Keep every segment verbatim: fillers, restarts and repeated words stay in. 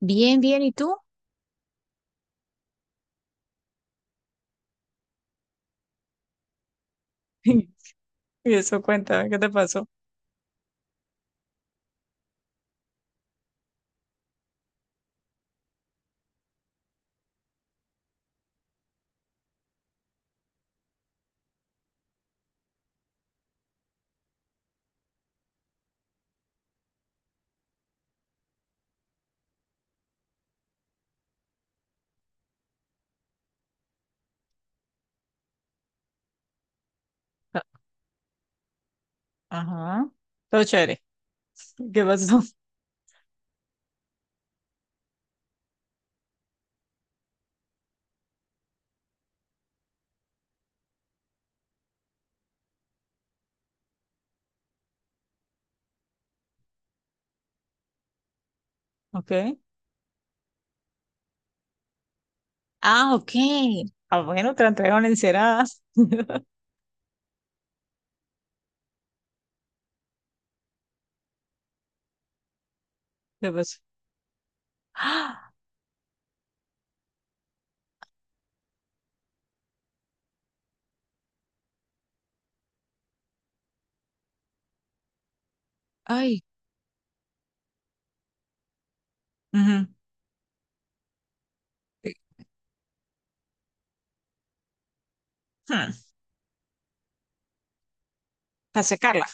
Bien, bien, ¿y tú? Y eso, cuéntame, ¿qué te pasó? Ah, ajá. Todo chévere. ¿Qué pasó? Ok. Ah, ok. Ah, bueno, te la entregaron encerada. ¿Qué pasó? ¡Ah! Ay, ujú. Hmm, Para secarla.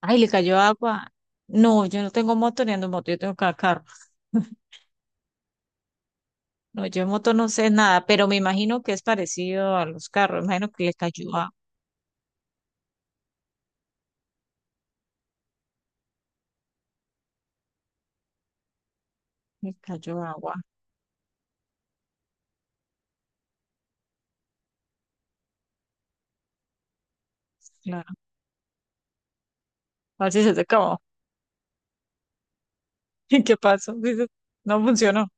Ay, le cayó agua. No, yo no tengo moto ni ando en moto, yo tengo cada carro. No, yo en moto no sé nada, pero me imagino que es parecido a los carros. Me imagino que le cayó agua. Le cayó agua. Claro. A ver si se te acabó. ¿Y qué pasó? Dices, no funcionó.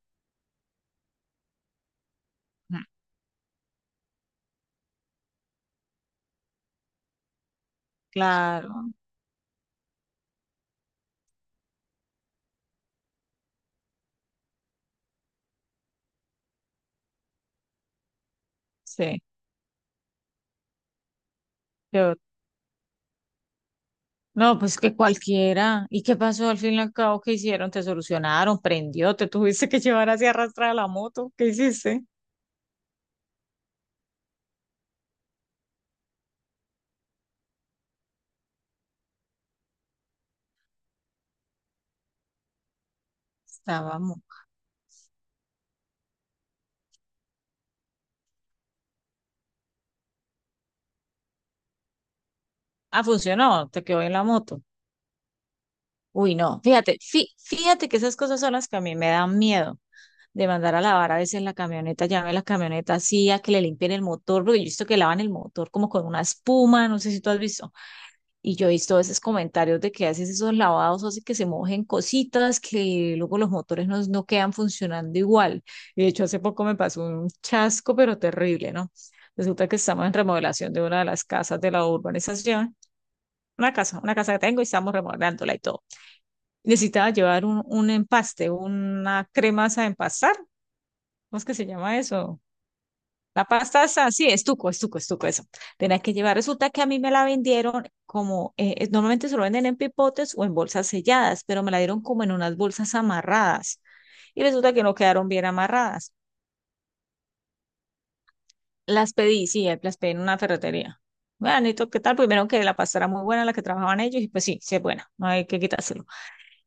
Mm, claro. Sí, yo, no, pues que cualquiera. ¿Y qué pasó al fin y al cabo? ¿Qué hicieron? ¿Te solucionaron? ¿Prendió? ¿Te tuviste que llevar así arrastrada la moto? ¿Qué hiciste? Estábamos. Ah, funcionó, te quedó en la moto. Uy, no, fíjate, fí- fíjate que esas cosas son las que a mí me dan miedo de mandar a lavar a veces la camioneta, llame a la camioneta así a que le limpien el motor, porque yo he visto que lavan el motor como con una espuma, no sé si tú has visto. Y yo he visto esos comentarios de que haces esos lavados, hace que se mojen cositas, que luego los motores no, no quedan funcionando igual. Y de hecho, hace poco me pasó un chasco, pero terrible, ¿no? Resulta que estamos en remodelación de una de las casas de la urbanización, una casa, una casa que tengo y estamos remodelándola y todo. Necesitaba llevar un, un empaste, una crema esa de empastar, ¿cómo es que se llama eso? La pasta está, sí, estuco, estuco, estuco, eso. Tenía que llevar. Resulta que a mí me la vendieron como, eh, eh, normalmente se lo venden en pipotes o en bolsas selladas, pero me la dieron como en unas bolsas amarradas. Y resulta que no quedaron bien amarradas. Las pedí, sí, eh, las pedí en una ferretería. Bueno, ¿y tú qué tal? Primero que la pasta era muy buena, la que trabajaban ellos, y pues sí, sí es buena, no hay que quitárselo.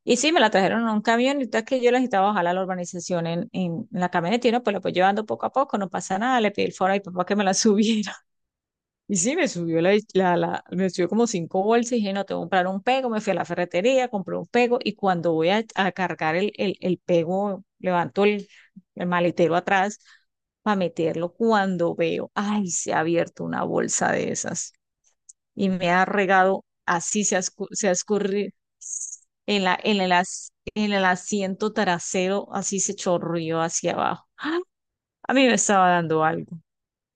Y sí, me la trajeron en un camión, y ahorita que yo la necesitaba bajar a la urbanización en, en, la camioneta, y no, pues la voy llevando poco a poco, no pasa nada, le pedí el foro a mi papá que me la subiera. Y sí, me subió la, la, la- me subió como cinco bolsas y dije, no, tengo que comprar un pego, me fui a la ferretería, compré un pego y cuando voy a, a cargar el, el, el pego, levanto el, el maletero atrás para meterlo cuando veo, ay, se ha abierto una bolsa de esas y me ha regado, así se ha, escu- se ha escurrido en la, en el, as- en el asiento trasero, así se chorrió hacia abajo. A mí me estaba dando algo.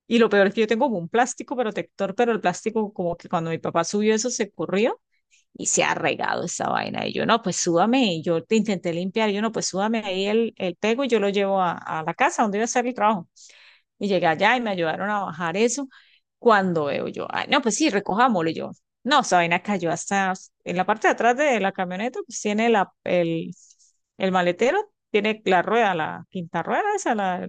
Y lo peor es que yo tengo como un plástico protector, pero el plástico como que cuando mi papá subió eso se corrió y se ha regado esa vaina. Y yo, no, pues súbame. Y yo te intenté limpiar. Y yo, no, pues súbame ahí el, el pego y yo lo llevo a, a la casa donde iba a hacer el trabajo. Y llegué allá y me ayudaron a bajar eso. Cuando veo yo, ay, no, pues sí, recojámoslo. Y yo, no, esa vaina cayó hasta en la parte de atrás de la camioneta, pues tiene la, el, el maletero, tiene la rueda, la quinta rueda, esa, la,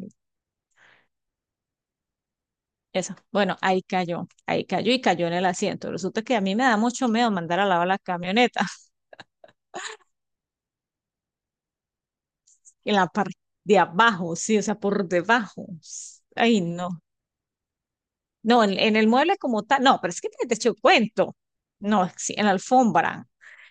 eso. Bueno, ahí cayó, ahí cayó y cayó en el asiento. Resulta que a mí me da mucho miedo mandar a lavar la camioneta en la parte de abajo, sí, o sea, por debajo. Ay, no. No, en, en el mueble como tal, no, pero es que te, te echo cuento. No, sí, en la alfombra.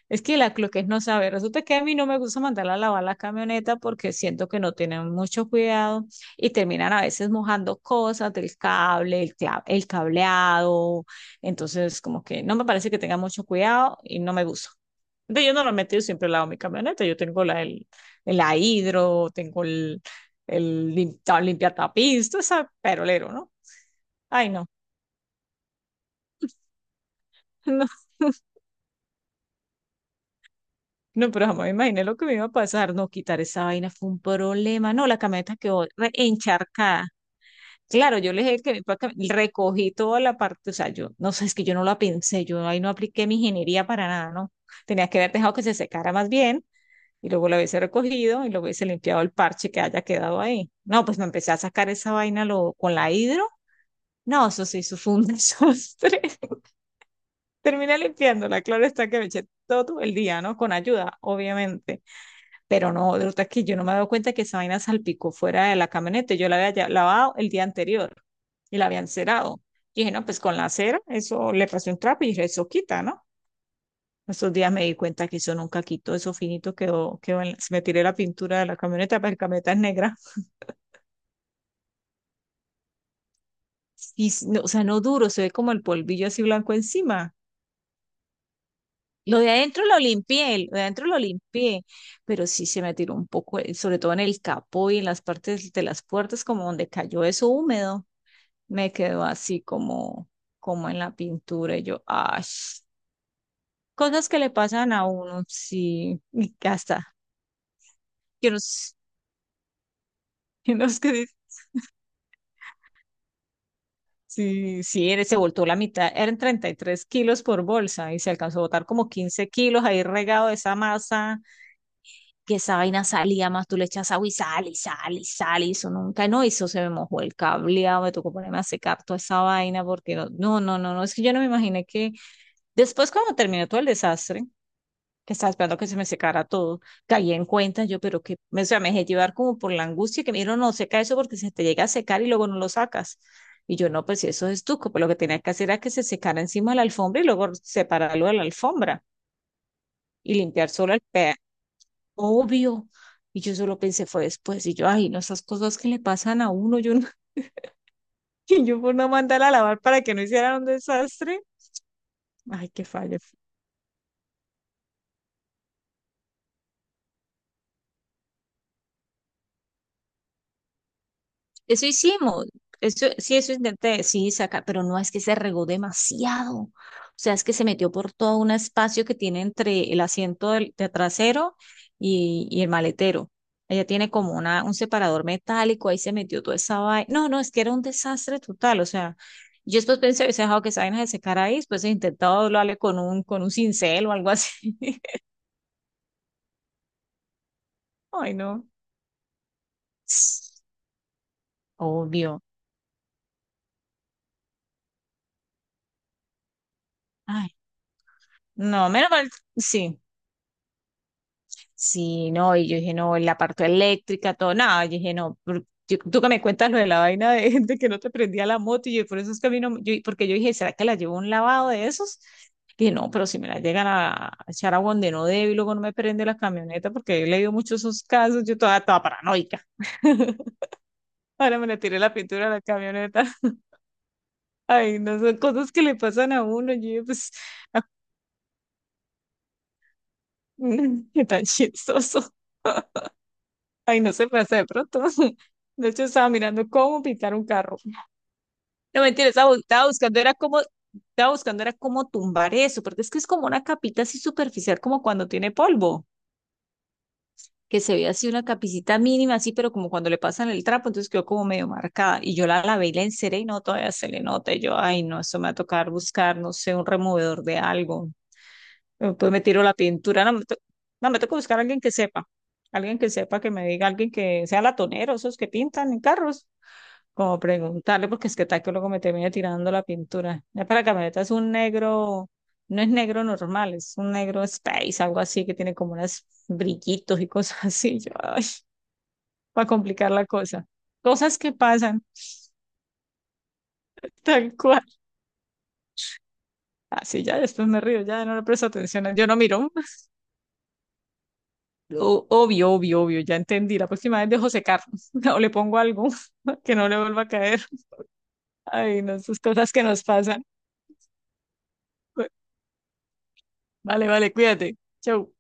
Es que la, lo que es no saber, resulta que a mí no me gusta mandar a lavar la camioneta porque siento que no tienen mucho cuidado y terminan a veces mojando cosas del cable, el, cla- el cableado, entonces como que no me parece que tengan mucho cuidado y no me gusta. Entonces yo normalmente yo siempre lavo mi camioneta, yo tengo la, el, la hidro, tengo el, el limpiatapiz, todo ese perolero, ¿no? Ay, no. No, pero jamás me imaginé lo que me iba a pasar. No, quitar esa vaina fue un problema. No, la camioneta quedó re- encharcada. Claro, yo le dije que mi papá cam- recogí toda la parte, o sea, yo no sé, es que yo no la pensé, yo ahí no apliqué mi ingeniería para nada, ¿no? Tenía que haber dejado que se secara más bien y luego la hubiese recogido y luego hubiese limpiado el parche que haya quedado ahí. No, pues me empecé a sacar esa vaina lo, con la hidro. No, eso sí, eso fue un desastre. Terminé limpiándola, claro está que me eché todo el día, ¿no? Con ayuda, obviamente. Pero no, de verdad que yo no me había dado cuenta que esa vaina salpicó fuera de la camioneta. Yo la había ya- lavado el día anterior y la había encerado. Y dije, no, pues con la cera, eso le pasé un trapo y dije, eso quita, ¿no? Esos días me di cuenta que eso nunca quitó, eso finito quedó, quedó en la- me tiré la pintura de la camioneta, pero la camioneta es negra. Y, s- no, o sea, no duro, se ve como el polvillo así blanco encima. Lo de adentro lo limpié, lo de adentro lo limpié, pero sí se me tiró un poco, eh, sobre todo en el capó y en las partes de las puertas, como donde cayó eso húmedo. Me quedó así como, como en la pintura. Y yo, ay, cosas que le pasan a uno, sí, y hasta, yo no sé, yo no sé qué dice. Sí, sí, él se voltó la mitad, eran treinta y tres kilos por bolsa y se alcanzó a botar como quince kilos ahí regado de esa masa, que esa vaina salía más, tú le echas agua y sale y sale y sale, y eso nunca, no, eso se me mojó el cableado, me tocó ponerme a secar toda esa vaina porque no, no, no, no, no, es que yo no me imaginé que después cuando terminó todo el desastre, estaba esperando que se me secara todo. Caí en cuenta yo, pero que me, o sea, me dejé llevar como por la angustia que me dijeron, no seca eso porque se te llega a secar y luego no lo sacas. Y yo, no, pues si eso es estuco, pues lo que tenía que hacer era que se secara encima de la alfombra y luego separarlo de la alfombra y limpiar solo el pea. Obvio. Y yo solo pensé, fue después. Y yo, ay, no, esas cosas que le pasan a uno, yo no, y yo por no mandar a lavar para que no hicieran un desastre. Ay, qué fallo. Eso hicimos, eso, sí, eso intenté, sí, sacar, pero no es que se regó demasiado. O sea, es que se metió por todo un espacio que tiene entre el asiento del, de trasero y, y el maletero. Ella tiene como una, un separador metálico, ahí se metió toda esa vaina. No, no, es que era un desastre total. O sea, yo después pensé, hubiese dejado que esa vaina se secara ahí, después he intentado doblarle con un, con un cincel o algo así. Ay, no. Obvio. Ay, no, menos mal, sí. Sí, no, y yo dije, no, la parte eléctrica, todo, nada, yo dije, no, por- yo- tú que me cuentas lo de la vaina de, de que no te prendía la moto, y yo, por eso es que a mí no, yo- porque yo dije, ¿será que la llevo a un lavado de esos? Dije, no, pero si me la llegan a echar a donde no debe y luego no me prende la camioneta, porque yo he leído muchos esos casos, yo toda, toda paranoica. Ahora me le tiré la pintura a la camioneta. Ay, no, son cosas que le pasan a uno, yo dije, pues, qué tan chistoso. Ay, no se pasa de pronto. De hecho, estaba mirando cómo pintar un carro. No, mentira, estaba, bu- estaba buscando, era como, estaba buscando, era como tumbar eso, porque es que es como una capita así superficial, como cuando tiene polvo, que se ve así una capicita mínima, así, pero como cuando le pasan el trapo, entonces quedó como medio marcada. Y yo la lavé y la enceré y no, todavía se le nota. Y yo, ay, no, eso me va a tocar buscar, no sé, un removedor de algo. Después me tiro la pintura, no, me, to- no, me toca buscar a alguien que sepa, alguien que sepa, que me diga, alguien que sea latonero, esos que pintan en carros como preguntarle, porque es que tal que luego me termine tirando la pintura. Ya para la camioneta es un negro, no es negro normal, es un negro space, algo así que tiene como unos brillitos y cosas así. Yo, ay, para complicar la cosa. Cosas que pasan, tal cual. Así ya, después me río, ya no le presto atención. Yo no miro. O- obvio, obvio, obvio, ya entendí. La próxima vez dejo secar o le pongo algo que no le vuelva a caer. Ay, no, esas cosas que nos pasan. Vale, vale, cuídate. Chau.